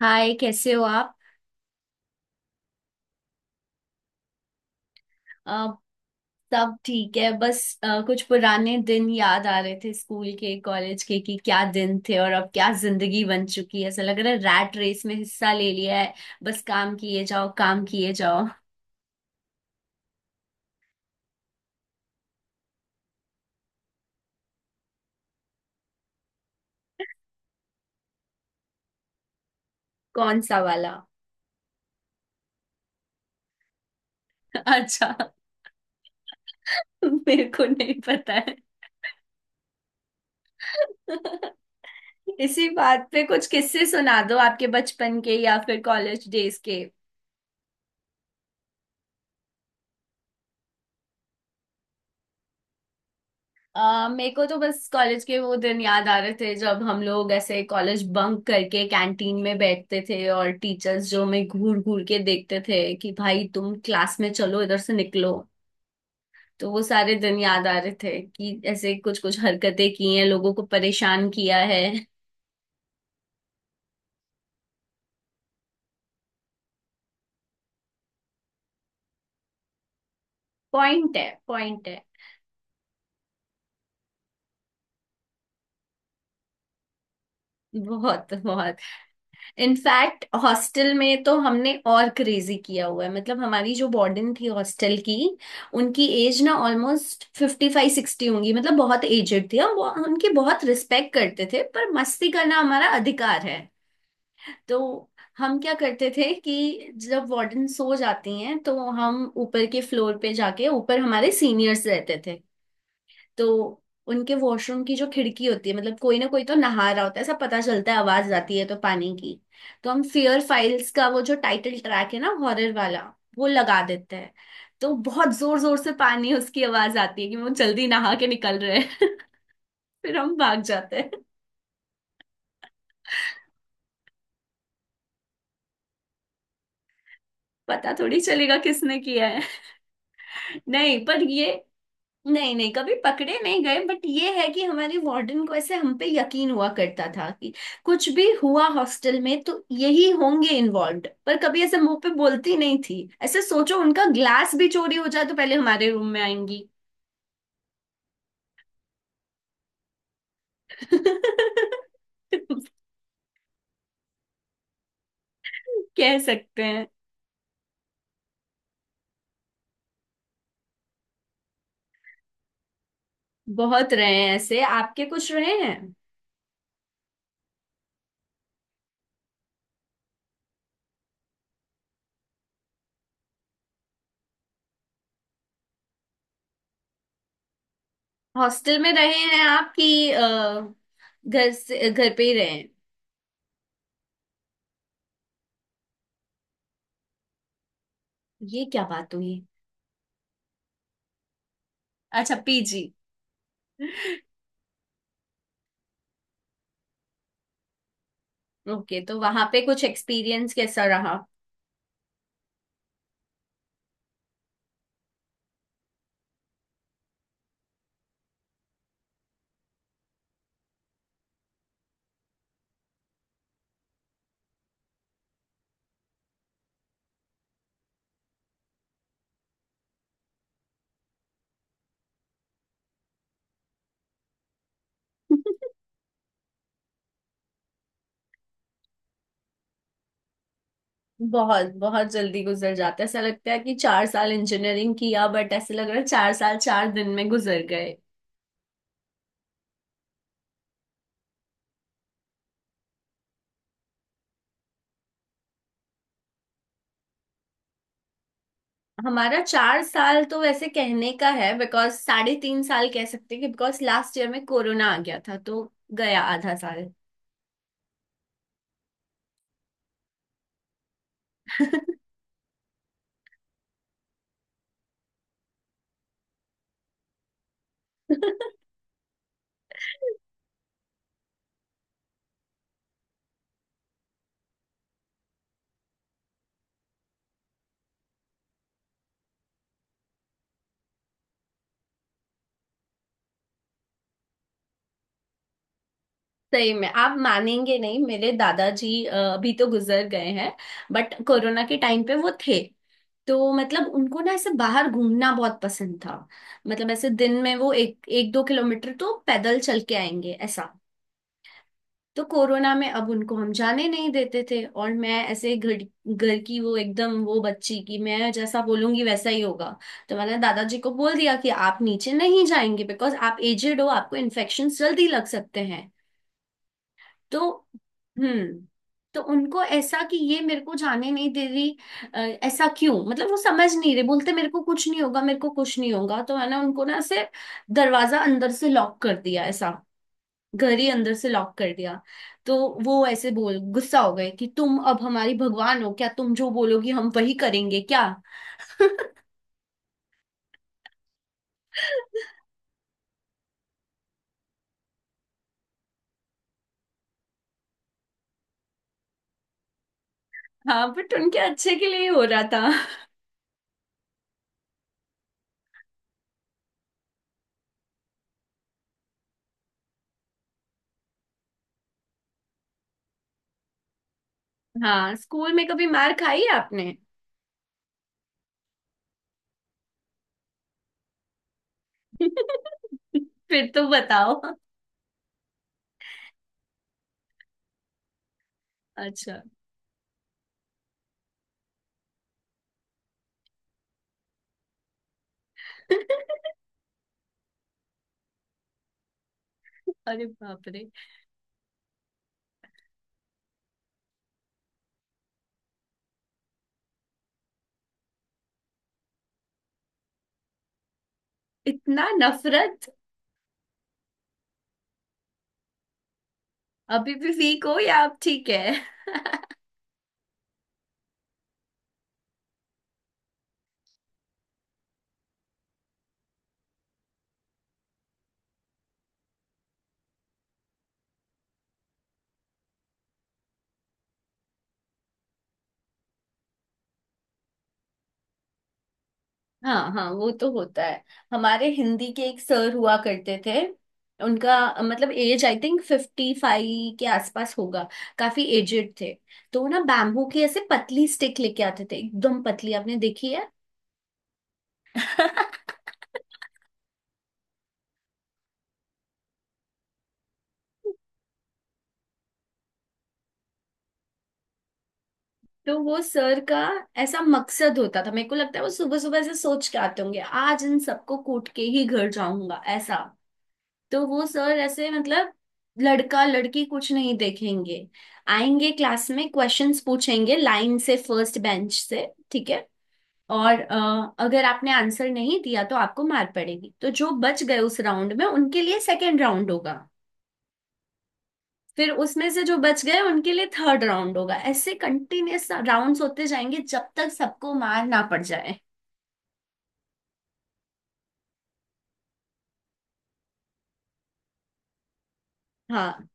हाय, कैसे हो आप? अ, सब ठीक है, बस कुछ पुराने दिन याद आ रहे थे, स्कूल के, कॉलेज के, कि क्या दिन थे और अब क्या जिंदगी बन चुकी है, ऐसा लग रहा है। रैट रेस में हिस्सा ले लिया है। बस काम किए जाओ, काम किए जाओ। कौन सा वाला? अच्छा। मेरे को नहीं पता है। इसी बात पे कुछ किस्से सुना दो, आपके बचपन के या फिर कॉलेज डेज के। मेरे को तो बस कॉलेज के वो दिन याद आ रहे थे जब हम लोग ऐसे कॉलेज बंक करके कैंटीन में बैठते थे, और टीचर्स जो हमें घूर घूर के देखते थे कि भाई तुम क्लास में चलो, इधर से निकलो। तो वो सारे दिन याद आ रहे थे कि ऐसे कुछ कुछ हरकतें की हैं, लोगों को परेशान किया है। पॉइंट है, पॉइंट है। बहुत बहुत। इनफैक्ट हॉस्टल में तो हमने और क्रेजी किया हुआ है, मतलब हमारी जो वार्डन थी हॉस्टल की, उनकी एज ना ऑलमोस्ट 55 60 होंगी, मतलब बहुत एजेड थी। हम उनकी बहुत रिस्पेक्ट करते थे, पर मस्ती करना हमारा अधिकार है। तो हम क्या करते थे कि जब वार्डन सो जाती हैं तो हम ऊपर के फ्लोर पे जाके, ऊपर हमारे सीनियर्स रहते थे। तो उनके वॉशरूम की जो खिड़की होती है, मतलब कोई ना कोई तो नहा रहा होता है, ऐसा पता चलता है, आवाज आती है तो, पानी की। तो हम फियर फाइल्स का वो जो टाइटल ट्रैक है ना, हॉरर वाला, वो लगा देते हैं। तो बहुत जोर जोर से पानी, उसकी आवाज आती है कि वो जल्दी नहा के निकल रहे हैं। फिर हम भाग जाते हैं। पता थोड़ी चलेगा किसने किया है। नहीं, पर ये। नहीं नहीं, कभी पकड़े नहीं गए, बट ये है कि हमारे वार्डन को ऐसे हम पे यकीन हुआ करता था कि कुछ भी हुआ हॉस्टल में तो यही होंगे इन्वॉल्व्ड, पर कभी ऐसे मुंह पे बोलती नहीं थी। ऐसे सोचो, उनका ग्लास भी चोरी हो जाए तो पहले हमारे रूम में आएंगी। कह सकते हैं। बहुत रहे हैं, ऐसे आपके कुछ रहे हैं? हॉस्टल में रहे हैं आप कि घर से घर पे ही रहे हैं? ये क्या बात हुई? अच्छा, पीजी? ओके, तो वहां पे कुछ एक्सपीरियंस कैसा रहा? बहुत बहुत जल्दी गुजर जाता है, ऐसा लगता है कि 4 साल इंजीनियरिंग किया, बट ऐसे लग रहा है 4 साल 4 दिन में गुजर गए। हमारा 4 साल तो वैसे कहने का है बिकॉज 3.5 साल कह सकते हैं, कि बिकॉज लास्ट ईयर में कोरोना आ गया था, तो गया आधा साल। सही में आप मानेंगे नहीं, मेरे दादाजी अभी तो गुजर गए हैं, बट कोरोना के टाइम पे वो थे। तो मतलब उनको ना ऐसे बाहर घूमना बहुत पसंद था, मतलब ऐसे दिन में वो 1-2 किलोमीटर तो पैदल चल के आएंगे ऐसा। तो कोरोना में अब उनको हम जाने नहीं देते थे, और मैं ऐसे घर, घर की वो एकदम, वो बच्ची की मैं जैसा बोलूंगी वैसा ही होगा। तो मैंने दादाजी को बोल दिया कि आप नीचे नहीं जाएंगे, बिकॉज आप एजेड हो, आपको इन्फेक्शन जल्दी लग सकते हैं। तो हम्म। तो उनको ऐसा कि ये मेरे को जाने नहीं दे रही, ऐसा क्यों, मतलब वो समझ नहीं रहे, बोलते मेरे को कुछ नहीं होगा, मेरे को कुछ नहीं होगा, तो मैंने उनको ना ऐसे दरवाजा अंदर से लॉक कर दिया ऐसा, घर ही अंदर से लॉक कर दिया। तो वो ऐसे बोल गुस्सा हो गए कि तुम अब हमारी भगवान हो क्या, तुम जो बोलोगी हम वही करेंगे क्या? हाँ, बट उनके अच्छे के लिए ही हो रहा था। हाँ, स्कूल में कभी मार खाई है आपने? फिर तो बताओ। अच्छा। अरे बाप रे। इतना नफरत? अभी भी वीक हो या आप ठीक है? हाँ हाँ, वो तो होता है। हमारे हिंदी के एक सर हुआ करते थे। उनका मतलब एज आई थिंक 55 के आसपास होगा। काफी एजेड थे। तो वो ना बैम्बू की ऐसे पतली स्टिक लेके आते थे, एकदम पतली, आपने देखी है? तो वो सर का ऐसा मकसद होता था, मेरे को लगता है वो सुबह सुबह ऐसे सोच के आते होंगे, आज इन सबको कूट के ही घर जाऊंगा ऐसा। तो वो सर ऐसे मतलब लड़का लड़की कुछ नहीं देखेंगे, आएंगे क्लास में, क्वेश्चंस पूछेंगे लाइन से, फर्स्ट बेंच से। ठीक है। और अगर आपने आंसर नहीं दिया तो आपको मार पड़ेगी, तो जो बच गए उस राउंड में उनके लिए सेकेंड राउंड होगा। फिर उसमें से जो बच गए उनके लिए थर्ड राउंड होगा, ऐसे कंटिन्यूअस राउंड्स होते जाएंगे जब तक सबको मार ना पड़ जाए। हाँ।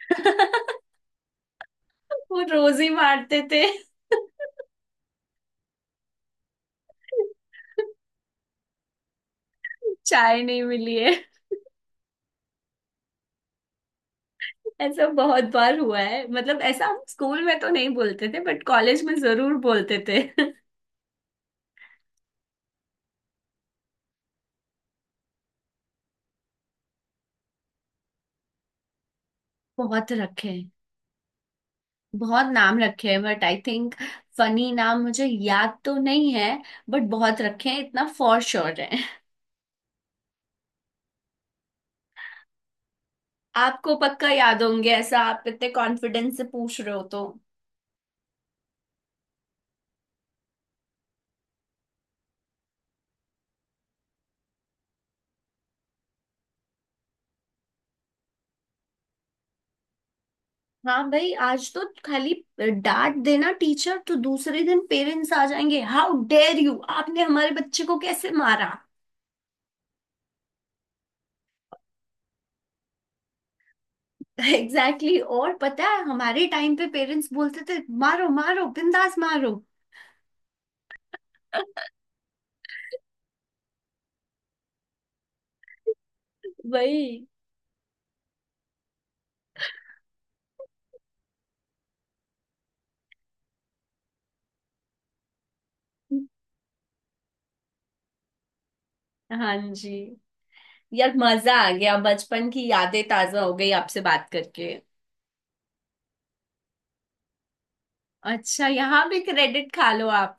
वो रोज ही मारते थे। चाय नहीं मिली है। ऐसा बहुत बार हुआ है मतलब, ऐसा हम स्कूल में तो नहीं बोलते थे, बट कॉलेज में जरूर बोलते थे। बहुत रखे हैं। बहुत नाम रखे हैं, बट आई थिंक फनी नाम मुझे याद तो नहीं है। बट बहुत रखे हैं, इतना फॉर श्योर है। आपको पक्का याद होंगे, ऐसा आप इतने कॉन्फिडेंस से पूछ रहे हो तो। हाँ भाई, आज तो खाली डांट देना टीचर, तो दूसरे दिन पेरेंट्स आ जाएंगे, हाउ डेयर यू, आपने हमारे बच्चे को कैसे मारा। Exactly, exactly। और पता है, हमारे टाइम पे पेरेंट्स बोलते थे, मारो, मारो बिंदास मारो। वही। हाँ जी। यार मजा आ गया, बचपन की यादें ताजा हो गई आपसे बात करके। अच्छा, यहाँ भी क्रेडिट खा लो आप।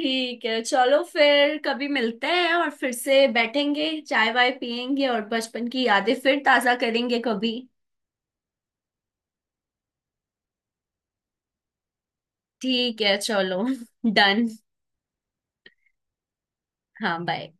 ठीक है चलो, फिर कभी मिलते हैं और फिर से बैठेंगे, चाय वाय पियेंगे और बचपन की यादें फिर ताजा करेंगे कभी। ठीक है चलो, डन। हाँ, बाय।